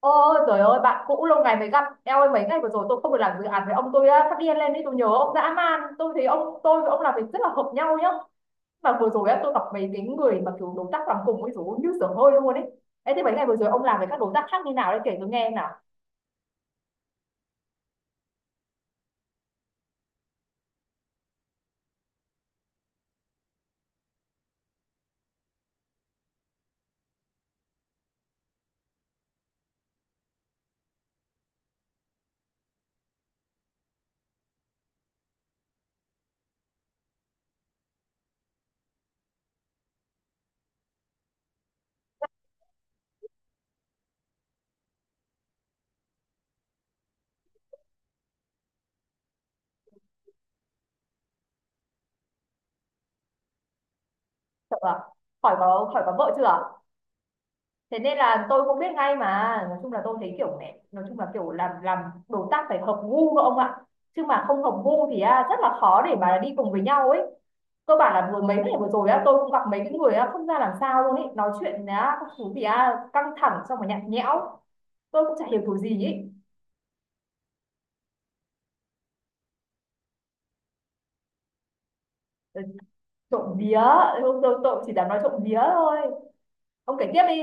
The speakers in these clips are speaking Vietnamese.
Ôi trời ơi, bạn cũ lâu ngày mới gặp. Eo ơi, mấy ngày vừa rồi tôi không được làm dự án với ông. Tôi á, phát điên lên đi, tôi nhớ ông dã man. Tôi thấy ông, tôi với ông làm việc rất là hợp nhau nhá. Mà vừa rồi á, tôi gặp mấy cái người mà kiểu đối tác làm cùng ấy, dồi ôi, như sửa hơi luôn ấy. Ê thế mấy ngày vừa rồi ông làm với các đối tác khác như nào đấy, kể tôi nghe nào. Sợ à? Khỏi có vợ chưa, thế nên là tôi cũng biết ngay mà. Nói chung là tôi thấy kiểu này, nói chung là kiểu làm đối tác phải hợp gu các ông ạ, chứ mà không hợp gu thì rất là khó để mà đi cùng với nhau ấy. Cơ bản là vừa mấy ngày vừa rồi á, tôi cũng gặp mấy cái người á không ra làm sao luôn ấy, nói chuyện á các thứ thì á căng thẳng xong rồi nhạt nhẽo, tôi cũng chả hiểu kiểu gì ấy. Ờ, trộm vía, tôi chỉ dám nói trộm vía thôi, ông kể tiếp đi.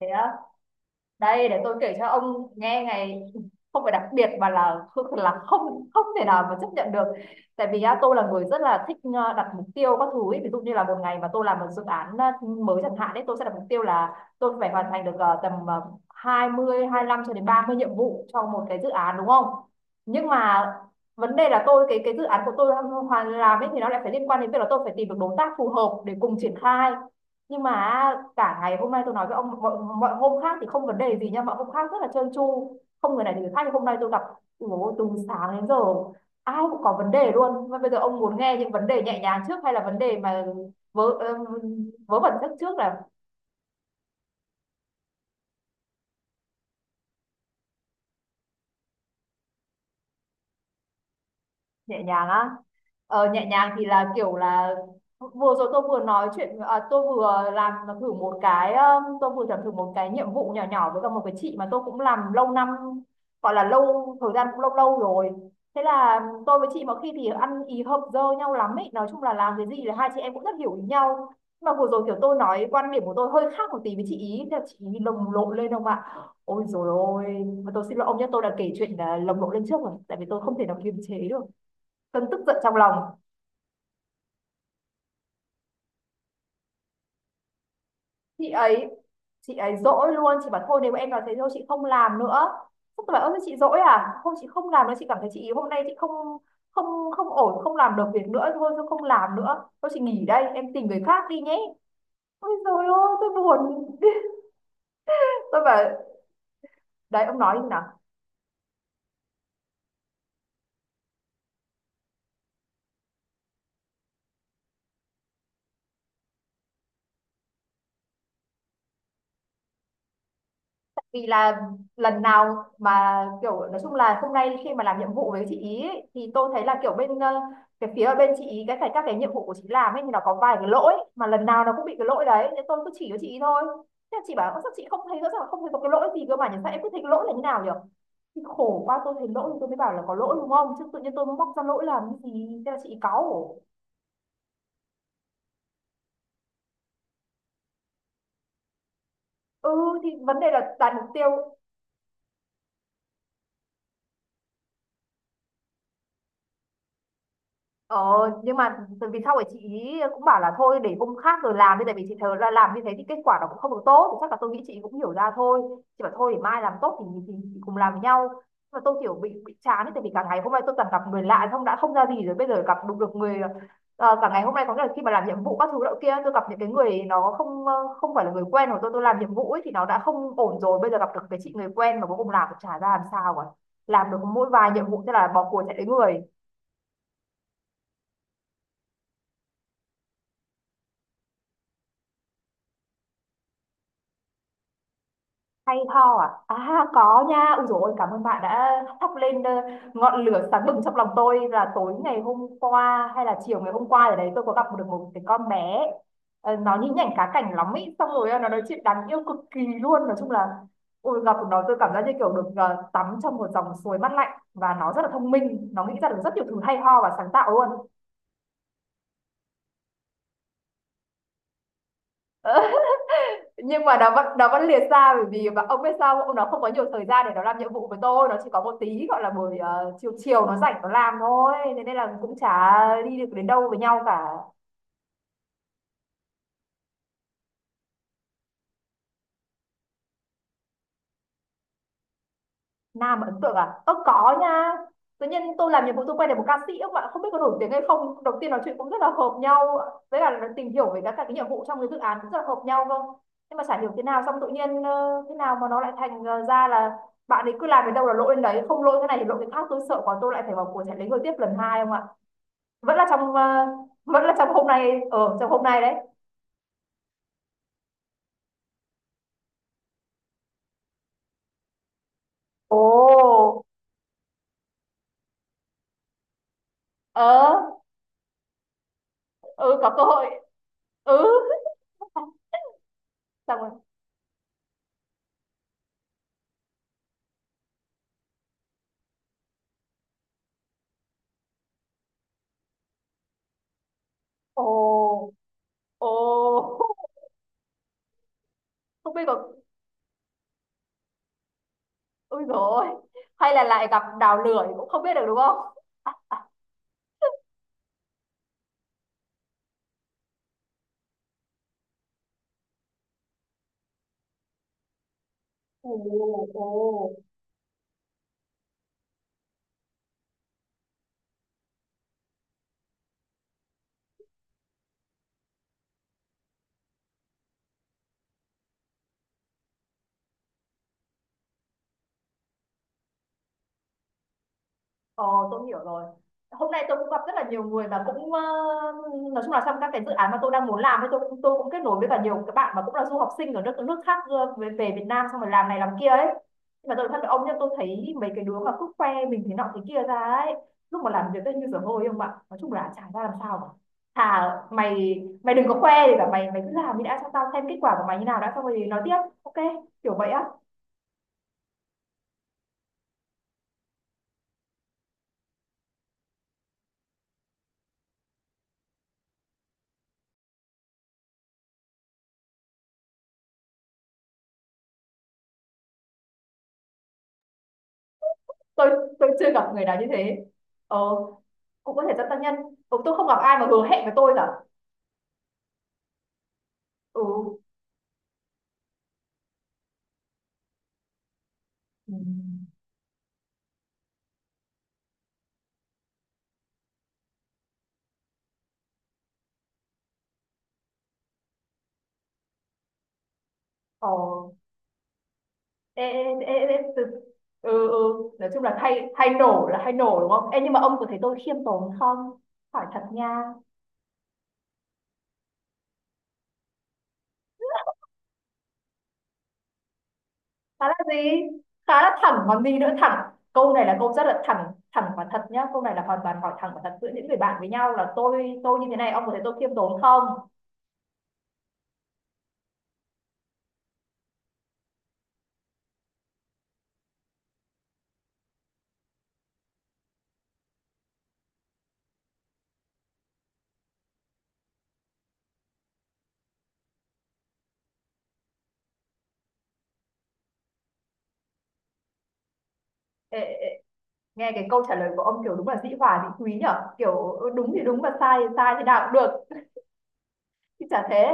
Thế à, đây để tôi kể cho ông nghe ngày. Không phải đặc biệt mà là không không thể nào mà chấp nhận được. Tại vì á, tôi là người rất là thích đặt mục tiêu các thứ ý. Ví dụ như là một ngày mà tôi làm một dự án mới chẳng hạn đấy, tôi sẽ đặt mục tiêu là tôi phải hoàn thành được tầm 20 lăm cho đến 30 nhiệm vụ cho một cái dự án, đúng không. Nhưng mà vấn đề là tôi, cái dự án của tôi hoàn làm ấy, thì nó lại phải liên quan đến việc là tôi phải tìm được đối tác phù hợp để cùng triển khai. Nhưng mà cả ngày hôm nay tôi nói với ông, mọi hôm khác thì không vấn đề gì nha, mọi hôm khác rất là trơn tru, không người này thì người khác. Nhưng hôm nay tôi gặp, ủa, từ sáng đến giờ ai cũng có vấn đề luôn. Mà bây giờ ông muốn nghe những vấn đề nhẹ nhàng trước hay là vấn đề mà vớ vớ vẩn nhất trước? Là nhẹ nhàng á? Ờ, nhẹ nhàng thì là kiểu là vừa rồi tôi vừa nói chuyện, tôi vừa làm thử một cái, tôi vừa làm thử một cái nhiệm vụ nhỏ nhỏ với cả một cái chị mà tôi cũng làm lâu năm, gọi là lâu, thời gian cũng lâu lâu rồi. Thế là tôi với chị mà khi thì ăn ý hợp dơ nhau lắm ấy, nói chung là làm cái gì là hai chị em cũng rất hiểu ý nhau. Nhưng mà vừa rồi kiểu tôi nói quan điểm của tôi hơi khác một tí với chị ý, thế là chị ý lồng lộn lên không ạ. Ôi rồi ôi, mà tôi xin lỗi ông nhé, tôi đã kể chuyện là lồng lộn lên trước rồi, tại vì tôi không thể nào kiềm chế được cơn tức giận trong lòng. Chị ấy chị ấy dỗi luôn. Chị bảo thôi nếu em nói thế, thôi chị không làm nữa. Tôi bảo ơ thế chị dỗi à. Không, chị không làm nữa, chị cảm thấy chị hôm nay chị không không không ổn, không làm được việc nữa, thôi tôi không làm nữa, tôi chị nghỉ đây, em tìm người khác đi nhé. Ôi rồi ôi, tôi buồn. Tôi bảo đấy, ông nói như nào. Vì là lần nào mà kiểu, nói chung là hôm nay khi mà làm nhiệm vụ với chị ý ấy, thì tôi thấy là kiểu bên cái phía bên chị ý, cái các cái nhiệm vụ của chị làm ấy thì nó có vài cái lỗi mà lần nào nó cũng bị cái lỗi đấy, nên tôi cứ chỉ cho chị ý thôi. Thế là chị bảo "Ơ, sao chị không thấy, rõ ràng không thấy có cái lỗi gì cơ mà nhỉ, sao em cứ thấy cái lỗi là như nào nhỉ". Thì khổ quá, tôi thấy lỗi thì tôi mới bảo là có lỗi đúng không, chứ tự nhiên tôi móc ra lỗi làm cái gì. Thế là chị ý cáu. Ừ thì vấn đề là đạt mục tiêu. Ờ, nhưng mà từ vì sau ấy chị ý cũng bảo là thôi để hôm khác rồi làm đi, tại vì chị thờ là làm như thế thì kết quả nó cũng không được tốt, thì chắc là tôi nghĩ chị cũng hiểu ra thôi. Chị bảo thôi để mai làm tốt, thì cùng làm với nhau. Nhưng mà tôi kiểu bị chán ấy, tại vì cả ngày hôm nay tôi toàn gặp người lạ xong đã không ra gì rồi, bây giờ gặp đúng được người cả ngày hôm nay có nghĩa là khi mà làm nhiệm vụ các thứ đó kia tôi gặp những cái người nó không không phải là người quen của tôi làm nhiệm vụ ấy thì nó đã không ổn rồi, bây giờ gặp được cái chị người quen mà cuối cùng làm cũng chả ra làm sao cả, làm được mỗi vài nhiệm vụ thế là bỏ cuộc chạy đến người. Hay ho à? À có nha. Ui dồi ôi, cảm ơn bạn đã thắp lên ngọn lửa sáng bừng trong lòng tôi. Là tối ngày hôm qua hay là chiều ngày hôm qua ở đấy, tôi có gặp được một cái con bé. Ờ, nó nhí nhảnh cá cảnh lắm ý, xong rồi nó nói chuyện đáng yêu cực kỳ luôn. Nói chung là ôi gặp nó tôi cảm giác như kiểu được tắm trong một dòng suối mát lạnh, và nó rất là thông minh, nó nghĩ ra được rất nhiều thứ hay ho và sáng tạo luôn. Ờ, nhưng mà nó vẫn liệt ra, bởi vì và ông biết sao ông, nó không có nhiều thời gian để nó làm nhiệm vụ với tôi, nó chỉ có một tí gọi là buổi chiều chiều nó rảnh nó làm thôi, thế nên là cũng chả đi được đến đâu với nhau cả. Nam ấn tượng à? Ơ có nha. Tự nhiên tôi làm nhiệm vụ tôi quay được một ca sĩ, các bạn không biết có nổi tiếng hay không. Đầu tiên nói chuyện cũng rất là hợp nhau. Với cả là tìm hiểu về các cái nhiệm vụ trong cái dự án cũng rất là hợp nhau, không? Nhưng mà chả hiểu thế nào xong tự nhiên thế nào mà nó lại thành ra là bạn ấy cứ làm đến đâu là lỗi đến đấy, không lỗi cái này thì lỗi cái khác, tôi sợ quá, tôi lại phải vào cuộc chạy lấy người tiếp lần hai không ạ? Vẫn là trong vẫn là trong hôm nay, ở trong hôm nay đấy. Ồ, ờ, ừ có cơ hội. Ừ, xong rồi. Ồ, ồ. Không biết có. Ôi rồi, hay là lại gặp đào lưỡi cũng không biết được đúng không. Ồ, ồ. Ờ, tôi hiểu rồi. Hôm nay tôi cũng gặp rất là nhiều người mà cũng nói chung là trong các cái dự án mà tôi đang muốn làm ấy, tôi cũng, tôi cũng kết nối với cả nhiều các bạn mà cũng là du học sinh ở nước nước khác về, về Việt Nam xong rồi làm này làm kia ấy. Nhưng mà tôi nói thật với ông, nhưng tôi thấy mấy cái đứa mà cứ khoe mình thế nọ thế kia ra ấy, lúc mà làm việc ấy như dở hơi không ạ. Nói chung là chả ra làm sao cả. Thà mày, đừng có khoe thì cả mày, cứ làm đi đã, cho tao xem kết quả của mày như nào đã, xong rồi nói tiếp. Ok, kiểu vậy á. Tôi tôi chưa gặp người nào như thế. Ờ, cũng có thể dẫn tăng nhân. Ừ, tôi không gặp ai mà hứa hẹn với tôi cả. Ừ. Ừ. Ờ. Ê, ê, ê, ê, ê, từ... Ừ, ừ. Nói chung là hay, hay nổ là hay nổ đúng không em, nhưng mà ông có thấy tôi khiêm tốn không, hỏi thật nha. Khá là gì? Khá là thẳng còn gì nữa, thẳng, câu này là câu rất là thẳng, thẳng và thật nhá, câu này là hoàn toàn hỏi thẳng và thật giữa những người bạn với nhau, là tôi, như thế này ông có thấy tôi khiêm tốn không. Ê, ê, ê, nghe cái câu trả lời của ông kiểu đúng là dĩ hòa vi quý nhở, kiểu ừ, đúng thì đúng và sai thì nào cũng được chứ chả thế.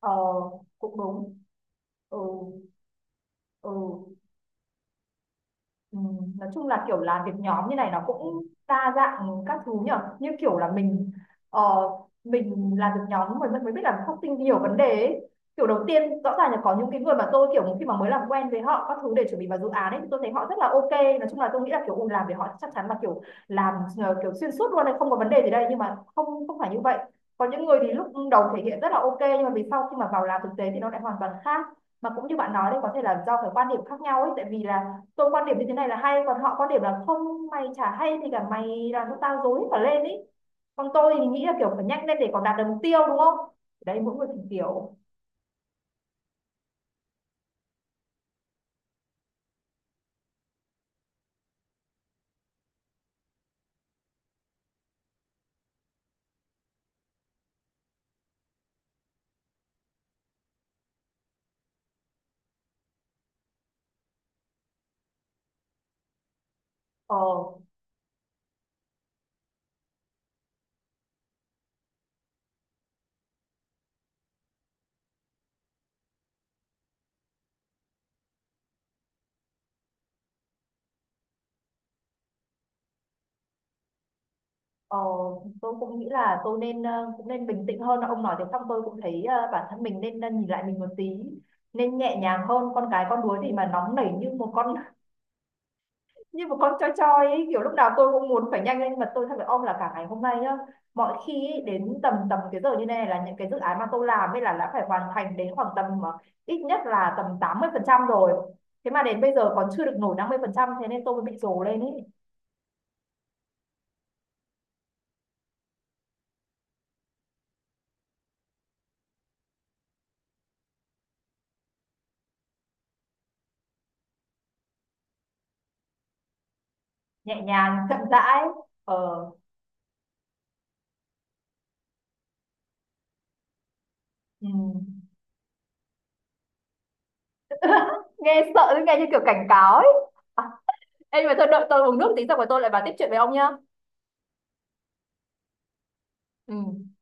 Ờ, cũng đúng. Ừ, ừ. Nói chung là kiểu làm việc nhóm như này nó cũng đa dạng các thứ nhở, như kiểu là mình ờ, mình làm việc nhóm mình mới biết là phát sinh nhiều vấn đề ấy. Kiểu đầu tiên rõ ràng là có những cái người mà tôi kiểu khi mà mới làm quen với họ các thứ để chuẩn bị vào dự án ấy, thì tôi thấy họ rất là ok. Nói chung là tôi nghĩ là kiểu ừ, làm với họ chắc chắn là kiểu làm kiểu xuyên suốt luôn này, không có vấn đề gì đây. Nhưng mà không, phải như vậy. Có những người thì lúc đầu thể hiện rất là ok nhưng mà vì sau khi mà vào làm thực tế thì nó lại hoàn toàn khác. Mà cũng như bạn nói đấy, có thể là do cái quan điểm khác nhau ấy, tại vì là tôi quan điểm như thế này là hay, còn họ quan điểm là không, mày chả hay thì cả mày làm cho tao rối cả lên ý. Còn tôi thì nghĩ là kiểu phải nhanh lên để còn đạt được mục tiêu đúng không. Đấy, mỗi người thì kiểu. Ờ. Ờ, tôi cũng nghĩ là tôi nên cũng nên bình tĩnh hơn. Ông nói thế xong tôi cũng thấy bản thân mình nên nhìn lại mình một tí, nên nhẹ nhàng hơn con cái con đuối, thì mà nóng nảy như một con, choi choi ấy, kiểu lúc nào tôi cũng muốn phải nhanh lên. Mà tôi thật phải ôm là cả ngày hôm nay nhá, mọi khi ấy, đến tầm tầm cái giờ như này là những cái dự án mà tôi làm ấy là đã phải hoàn thành đến khoảng tầm ít nhất là tầm 80% rồi, thế mà đến bây giờ còn chưa được nổi 50%, thế nên tôi mới bị rồ lên ấy. Nhẹ nhàng chậm rãi. Ờ. Ừ. Nghe sợ, nghe như kiểu cảnh cáo ấy. À, ê, nhưng mà thôi đợi tôi uống nước tí xong rồi tôi lại vào tiếp chuyện với ông nhá. Ừ.